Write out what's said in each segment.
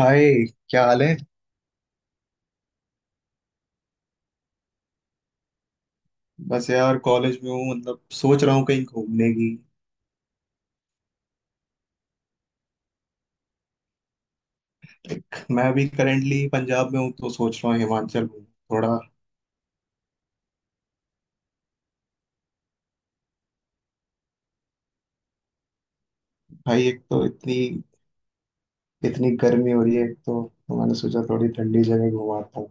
हाय। क्या हाल है। बस यार कॉलेज में हूँ, मतलब सोच रहा हूँ कहीं घूमने की। एक, मैं अभी करेंटली पंजाब में हूँ तो सोच रहा हूँ हिमाचल में थोड़ा। भाई, एक तो इतनी इतनी गर्मी हो रही है, एक तो मैंने सोचा थोड़ी ठंडी जगह घुमाता हूँ।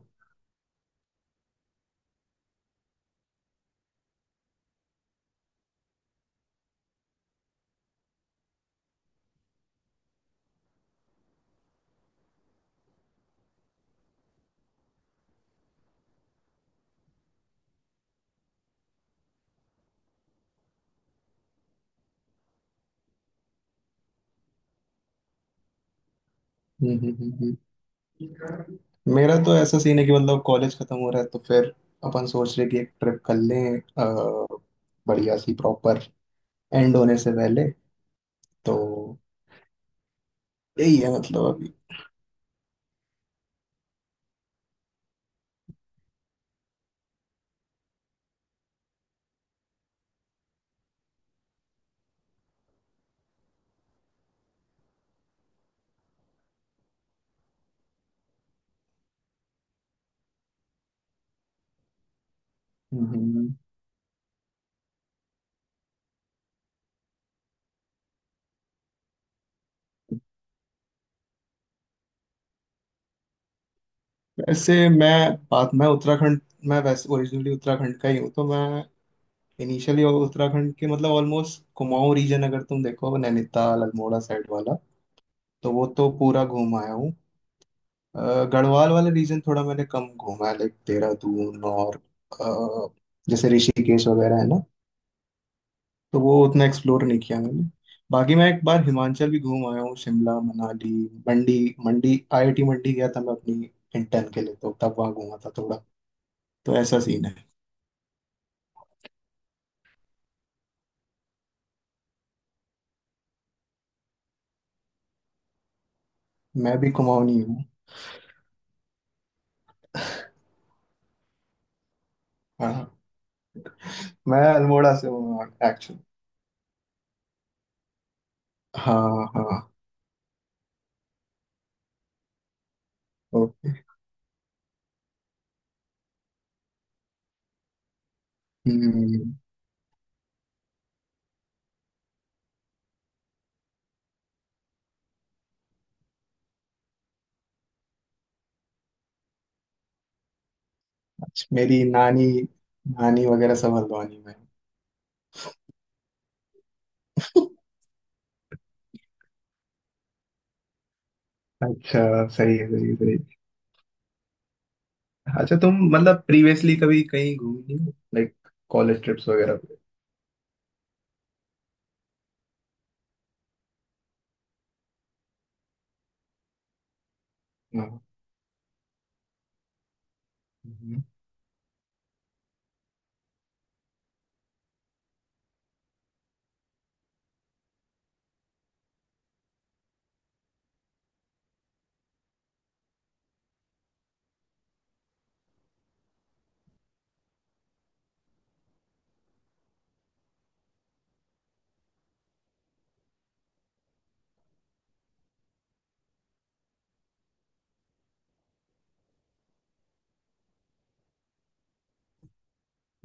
हम्म, हम्म, हम्म, मेरा तो ऐसा सीन है कि मतलब कॉलेज खत्म हो रहा है, तो फिर अपन सोच रहे कि एक ट्रिप कर लें, बढ़िया सी, प्रॉपर एंड होने से पहले, तो यही है मतलब अभी। हम्म, हम्म, हम्म। वैसे मैं बात मैं उत्तराखंड मैं वैसे ओरिजिनली उत्तराखंड का ही हूँ, तो मैं इनिशियली उत्तराखंड के, मतलब ऑलमोस्ट कुमाऊं रीजन, अगर तुम देखो नैनीताल अल्मोड़ा साइड वाला, तो वो तो पूरा घूम आया हूँ। गढ़वाल वाला रीजन थोड़ा मैंने कम घूमा है, लाइक देहरादून और अ, जैसे ऋषिकेश वगैरह है ना, तो वो उतना एक्सप्लोर नहीं किया मैंने। बाकी मैं एक बार हिमाचल भी घूम आया हूँ। शिमला, मनाली, मंडी। मंडी आईआईटी मंडी गया था मैं अपनी इंटर्न के लिए, तो तब वहाँ घूमा था थोड़ा। तो ऐसा सीन है। मैं भी कुमाऊनी हूँ। हाँ, मैं अल्मोड़ा से हूँ एक्चुअली। हाँ, हाँ। ओके। हम्म। अच्छा, मेरी नानी, नानी वगैरह सब हल्द्वानी में हैं। अच्छा। सही है, सही है, सही है। अच्छा, तुम मतलब प्रीवियसली कभी कहीं घूमी हो, लाइक कॉलेज ट्रिप्स वगैरह पे? हाँ,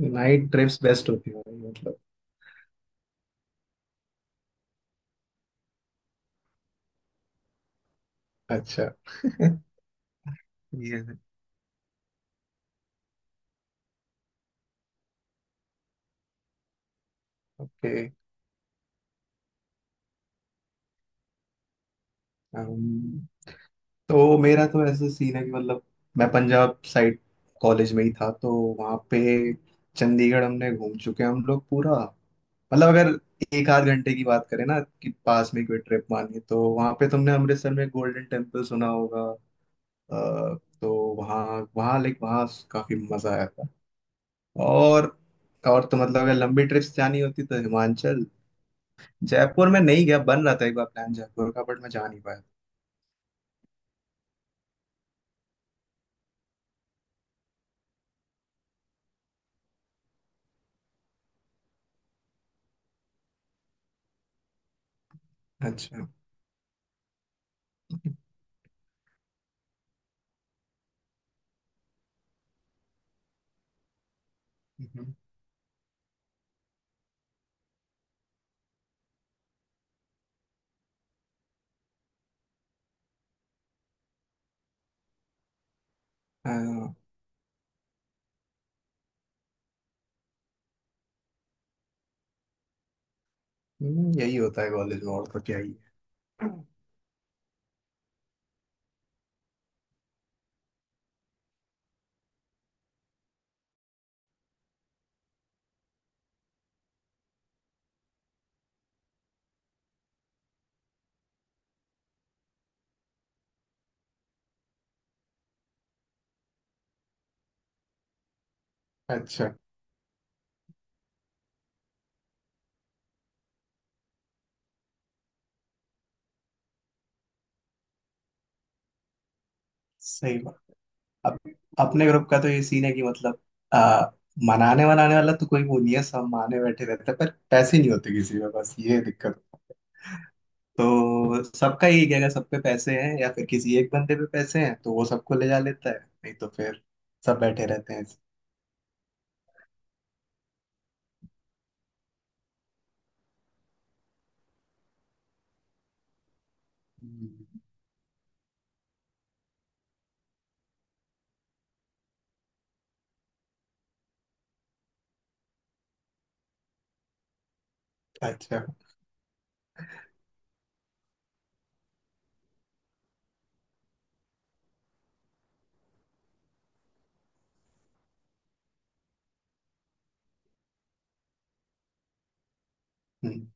नाइट ट्रिप्स बेस्ट होती है, मतलब। अच्छा। ये। ओके। तो मेरा तो ऐसा सीन है कि मतलब मैं पंजाब साइड कॉलेज में ही था, तो वहाँ पे चंडीगढ़ हमने घूम चुके हैं हम लोग पूरा। मतलब अगर एक आध घंटे की बात करें, ना कि पास में कोई ट्रिप, मानिए, तो वहाँ पे तुमने अमृतसर में गोल्डन टेम्पल सुना होगा। अ, तो वहाँ वहाँ लाइक वहाँ काफी मजा आया था। और तो मतलब अगर लंबी ट्रिप्स जानी होती तो हिमाचल। जयपुर में नहीं गया, बन रहा था एक बार प्लान जयपुर का, बट मैं जा नहीं पाया। अच्छा। हम्म। यही होता है कॉलेज में, और तो क्या ही है। अच्छा। सही बात। अब अपने ग्रुप का तो ये सीन है कि मतलब आ, मनाने वनाने वाला तो कोई वो नहीं है, सब माने बैठे रहते हैं, पर पैसे नहीं होते किसी में, बस ये दिक्कत। तो सबका यही कहेगा, सब पे पैसे हैं या फिर किसी एक बंदे पे पैसे हैं तो वो सबको ले जा लेता है, नहीं तो फिर सब बैठे रहते हैं। हम्म। अच्छा। हम्म,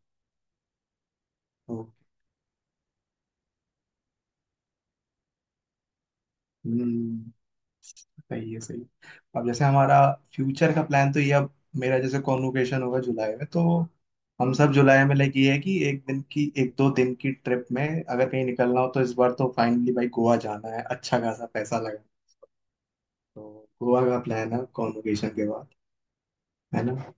ओ, हम्म, सही है, सही है। अब जैसे हमारा फ्यूचर का प्लान तो ये, अब मेरा जैसे कॉन्वोकेशन होगा जुलाई में, तो हम सब जुलाई में लाइक ये है कि एक दो दिन की ट्रिप में अगर कहीं निकलना हो, तो इस बार तो फाइनली भाई गोवा जाना है, अच्छा खासा पैसा लगा। तो गोवा का प्लान है कॉन्वोकेशन के बाद, है ना?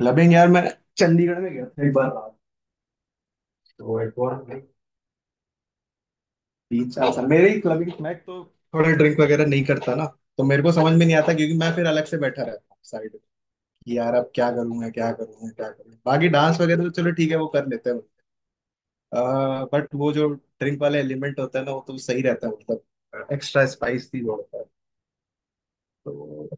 क्लबिंग यार, मैं चंडीगढ़ में गया था एक बार रात। तो एक बार, तीन चार साल मेरे ही क्लबिंग, मैं तो थोड़ा ड्रिंक वगैरह नहीं करता ना, तो मेरे को समझ में नहीं आता, क्योंकि मैं फिर अलग से बैठा रहता हूँ साइड, कि यार अब क्या करूंगा, क्या करूंगा, क्या करूंगा। बाकी डांस वगैरह तो चलो ठीक है, वो कर लेते हैं। बट वो जो ड्रिंक वाला एलिमेंट होता है ना, वो तो सही रहता है, मतलब एक्स्ट्रा स्पाइस भी जोड़ता है। तो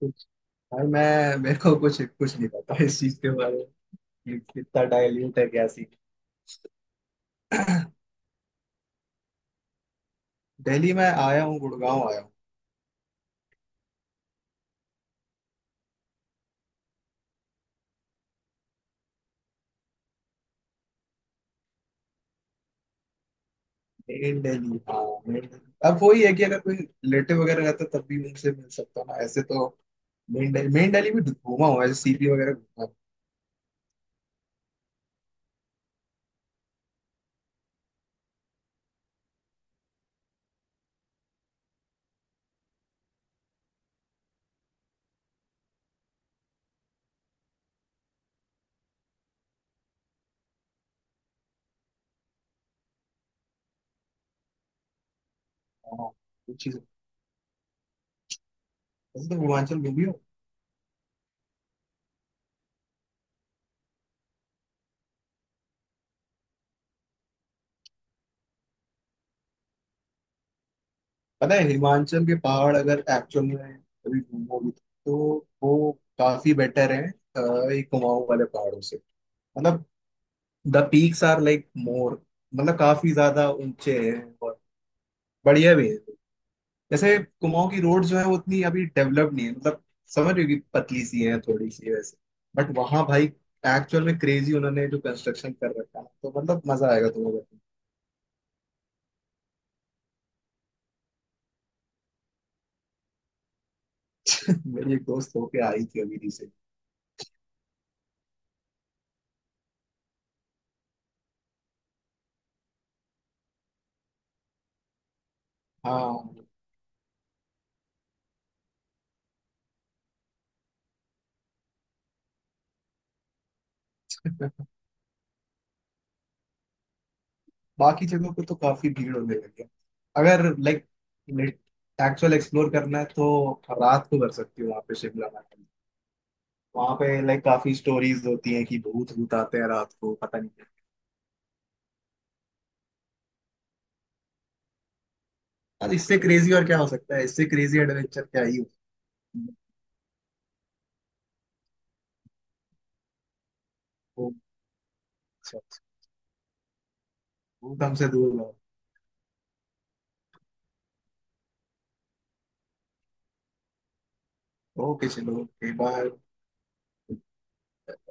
कुछ भाई, मैं मेरे को कुछ कुछ नहीं पता इस चीज के बारे में, कि कितना डाइल्यूट है, क्या सीन। दिल्ली में आया हूँ, गुड़गांव आया हूँ। मेन दिल्ली, हाँ, मेन दिल्ली, अब वही है कि अगर कोई रिलेटिव वगैरह रहता तब भी उनसे मिल सकता हूँ ना, ऐसे तो मेन दिल्ली, मेन दिल्ली भी घूमा हूँ, ऐसे सीपी वगैरह घूमा हूँ। हाँ, कुछ चीज़- वैसे तो पूर्वांचल घूमी हूँ। पता है, हिमाचल के पहाड़ अगर एक्चुअल में कभी घूमोगे तो वो काफी बेटर है। अ, ये कुमाऊं वाले पहाड़ों से, मतलब the peaks are like more, मतलब काफी ज्यादा ऊंचे हैं, और बढ़िया भी है। जैसे कुमाऊं की रोड जो है वो उतनी अभी डेवलप नहीं है, मतलब समझ रहे हो कि पतली सी है थोड़ी सी वैसे। बट वहां भाई एक्चुअल में क्रेजी, उन्होंने जो कंस्ट्रक्शन कर रखा है, तो मतलब मजा आएगा तुम्हें। मेरी एक दोस्त होके आई थी अभी रिसेंट। हाँ। बाकी जगहों पे तो काफी भीड़ होने लगी है। अगर लाइक एक्चुअल एक्सप्लोर करना है तो रात को कर सकती हो वहाँ पे शिमला में। वहाँ पे लाइक काफी स्टोरीज होती हैं कि भूत भूत आते हैं रात को, पता नहीं क्या। और इससे क्रेजी और क्या हो सकता है, इससे क्रेजी एडवेंचर क्या ही हो। ओ। अच्छा, भूत हमसे दूर रहो। ओके चलो। ओके। बाय।